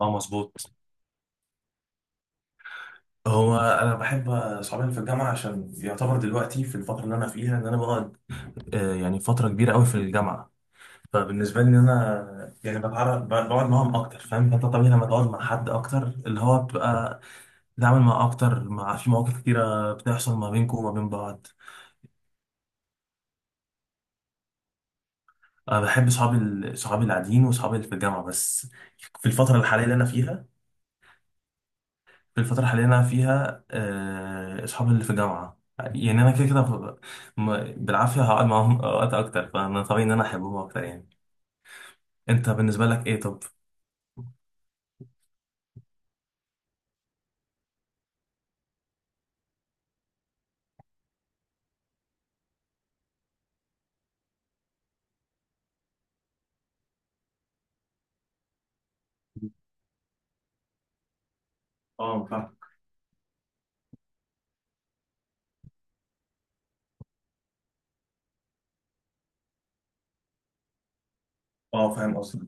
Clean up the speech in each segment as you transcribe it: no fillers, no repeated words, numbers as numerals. اه مظبوط. هو انا بحب اصحابي في الجامعه عشان يعتبر دلوقتي في الفتره اللي انا فيها ان انا بقعد، يعني فتره كبيره قوي في الجامعه. فبالنسبه لي ان انا يعني بتعرف بقعد معاهم اكتر، فاهم؟ فانت طبيعي لما تقعد مع حد اكتر، اللي هو بتبقى بتتعامل معاه اكتر، مع في مواقف كتيره بتحصل ما بينكم وما بين بعض. انا بحب صحابي صحابي العاديين وصحابي اللي في الجامعه بس. في الفتره الحاليه اللي انا فيها في الفترة الحالية اللي أنا فيها، أصحابي اللي في الجامعة، يعني أنا كده كده بالعافية هقعد معاهم وقت أكتر، فأنا طبيعي إن أنا أحبهم أكتر يعني. أنت بالنسبة لك إيه طب؟ اه فاهم اه فاهم قصدك.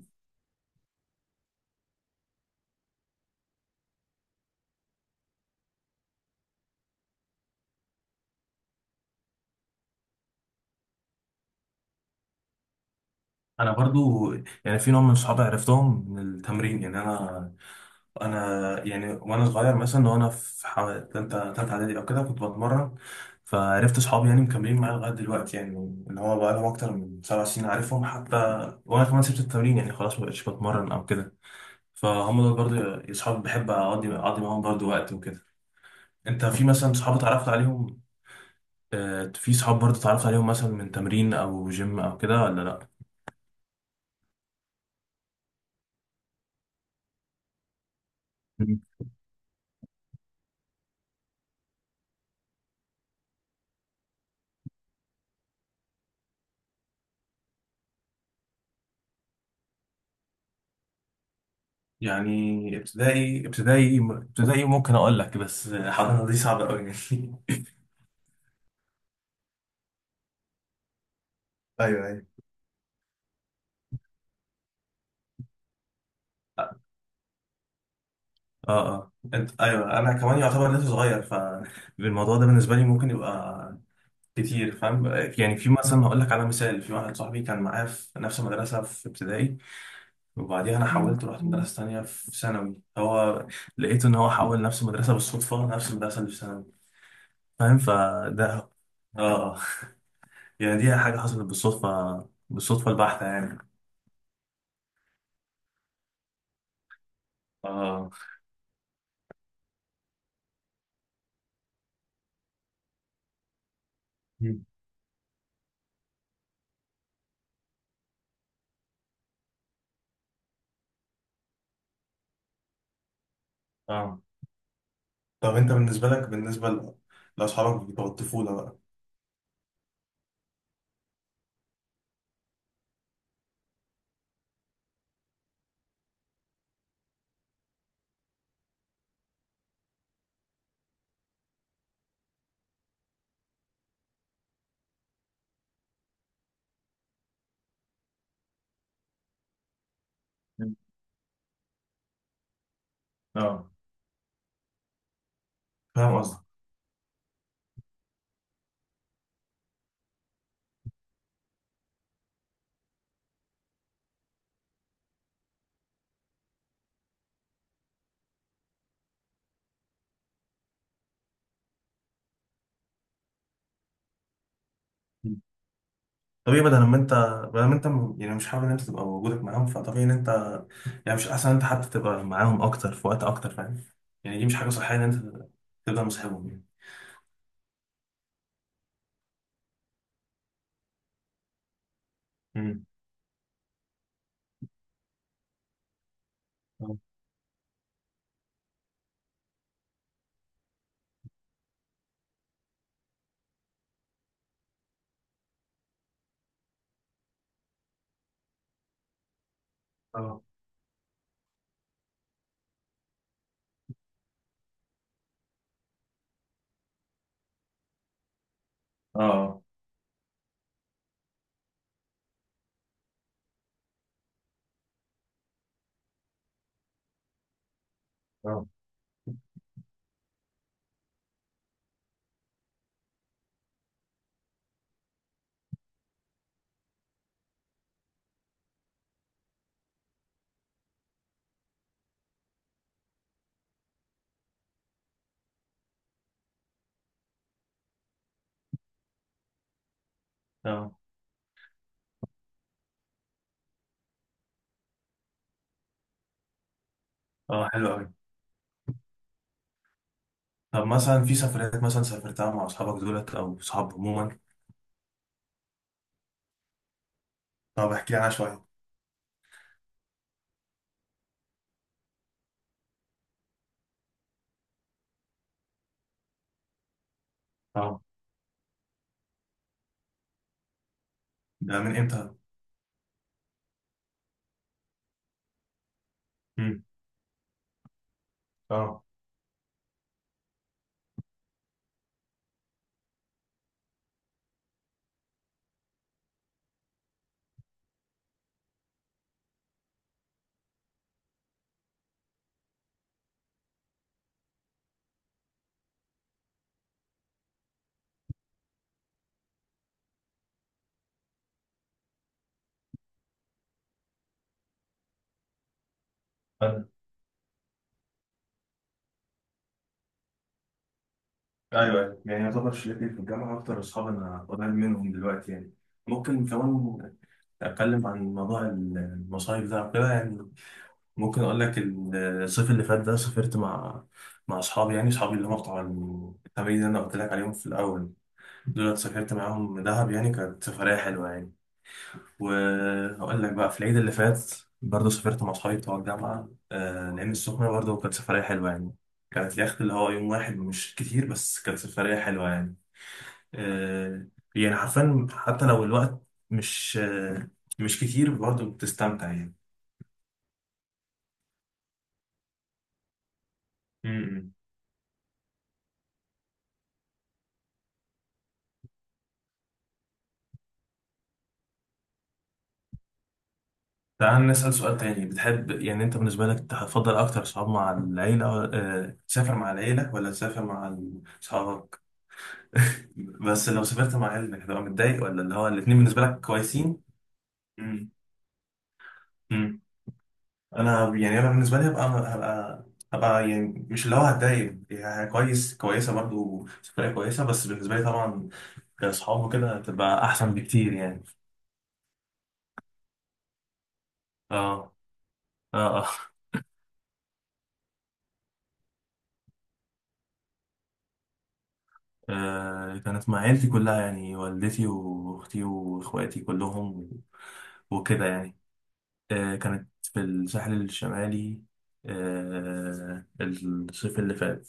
أنا برضو يعني في نوع من صحابي عرفتهم من التمرين، يعني أنا يعني وأنا صغير مثلا، وأنا في تالتة إعدادي أو كده كنت بتمرن، فعرفت صحابي يعني مكملين معايا لغاية دلوقتي يعني. اللي هو بقالهم أكتر من 7 سنين عارفهم حتى، وأنا كمان سبت التمرين يعني خلاص مبقتش بتمرن أو كده. فهم دول برضه اصحاب بحب اقضي معاهم برضه وقت وكده. انت في مثلا صحاب اتعرفت عليهم؟ في صحاب برضه اتعرفت عليهم مثلا من تمرين او جيم او كده ولا لا؟ مم. يعني ابتدائي ممكن اقول لك، بس حضانة دي صعبة قوي يعني. ايوه ايوه. اه اه انت، ايوه، انا كمان يعتبر لسه صغير، فالموضوع ده بالنسبه لي ممكن يبقى كتير، فاهم يعني. في مثلا هقول لك على مثال، في واحد صاحبي كان معايا في نفس المدرسه في ابتدائي، وبعديها انا حولت، رحت مدرسه تانية في ثانوي، هو لقيت ان هو حول نفس المدرسه بالصدفه، نفس المدرسه اللي في ثانوي، فاهم؟ فده اه، يعني دي حاجه حصلت بالصدفه بالصدفه البحته يعني. اه. مم. اه. طب انت بالنسبه لك، بالنسبه لاصحابك بتوع الطفوله بقى؟ مم. اه فاهم قصدي. مم. طبيعي. بدل ما انت يعني مش حابب ان انت تبقى وجودك معاهم، فطبيعي ان انت يعني مش احسن انت حتى تبقى معاهم اكتر، في وقت اكتر، فاهم يعني؟ دي مش حاجه صحيه ان انت تبقى مصاحبهم يعني. مم. اه اه اه اه اه اه حلو قوي. طب مثلا في سفريات مثلا سافرتها مع اصحابك دولت او صحاب عموما؟ طب احكي لي عنها شويه. اه ده من امتى؟ امم. اه. أنا- ايوه ايوه، يعني يعتبر شلتي في الجامعه اكتر اصحاب انا قريب منهم دلوقتي يعني. ممكن كمان اتكلم عن موضوع المصايف ده كده يعني. ممكن اقول لك، الصيف اللي فات ده سافرت مع اصحابي، يعني اصحابي اللي هم بتوع التمرين اللي انا قلت لك عليهم في الاول، دول سافرت معاهم دهب، يعني كانت سفرية حلوة يعني. وهقول لك بقى، في العيد اللي فات برضه سافرت مع صحابي بتوع الجامعة، آه، العين السخنة برضه، كانت سفرية حلوة يعني. كانت اليخت اللي هو يوم واحد مش كتير، بس كانت سفرية حلوة يعني. آه يعني حرفيا حتى لو الوقت مش مش كتير، برضه بتستمتع يعني. م-م. تعال نسأل سؤال تاني، بتحب يعني أنت بالنسبة لك هتفضل أكتر صحاب مع العيلة، تسافر مع العيلة ولا تسافر مع أصحابك؟ بس لو سافرت مع عيلتك هتبقى متضايق، ولا اللي هو الاتنين بالنسبة لك كويسين؟ مم. امم. انا يعني انا بالنسبه لي هبقى، يعني مش اللي هو هتضايق، يعني كويس، كويسه برضو سفريه كويسه، بس بالنسبه لي طبعا كاصحاب وكده هتبقى احسن بكتير يعني. اه اه اه. كانت مع عيلتي كلها، يعني والدتي واختي واخواتي كلهم وكده يعني. كانت في الساحل الشمالي، الصيف اللي فات.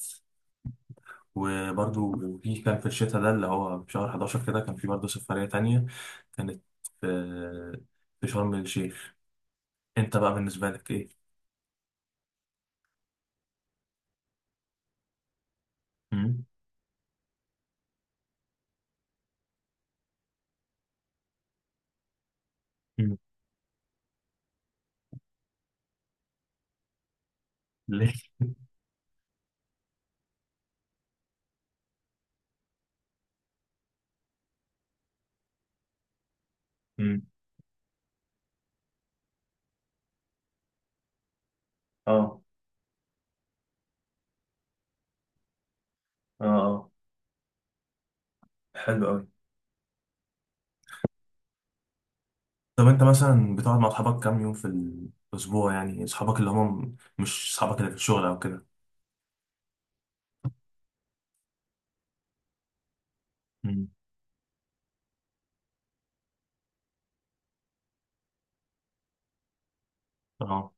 وبرضو في كان في الشتاء ده اللي هو في شهر 11 كده، كان في برضو سفرية تانية، كانت في شرم الشيخ. انت بقى بالنسبة لك ايه؟ مم؟ مم. ليه؟ مم. اه اه اه حلو قوي. طب انت مثلا بتقعد مع اصحابك كام يوم في الاسبوع، يعني اصحابك اللي هم مش اصحابك اللي في الشغل او كده؟ مم. اه.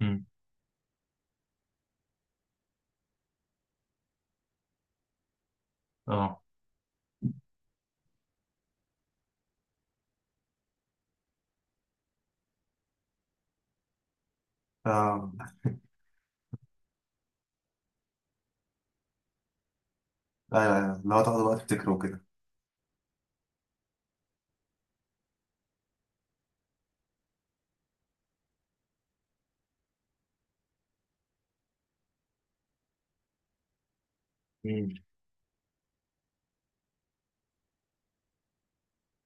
مم. اه اه. ايوه ايوه، لو تاخدوا وقت تفتكروا كده. مم.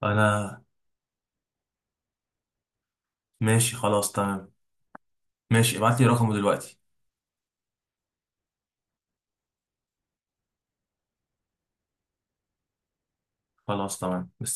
انا ماشي خلاص تمام. ماشي، ابعت لي رقمه دلوقتي. خلاص تمام، مستني.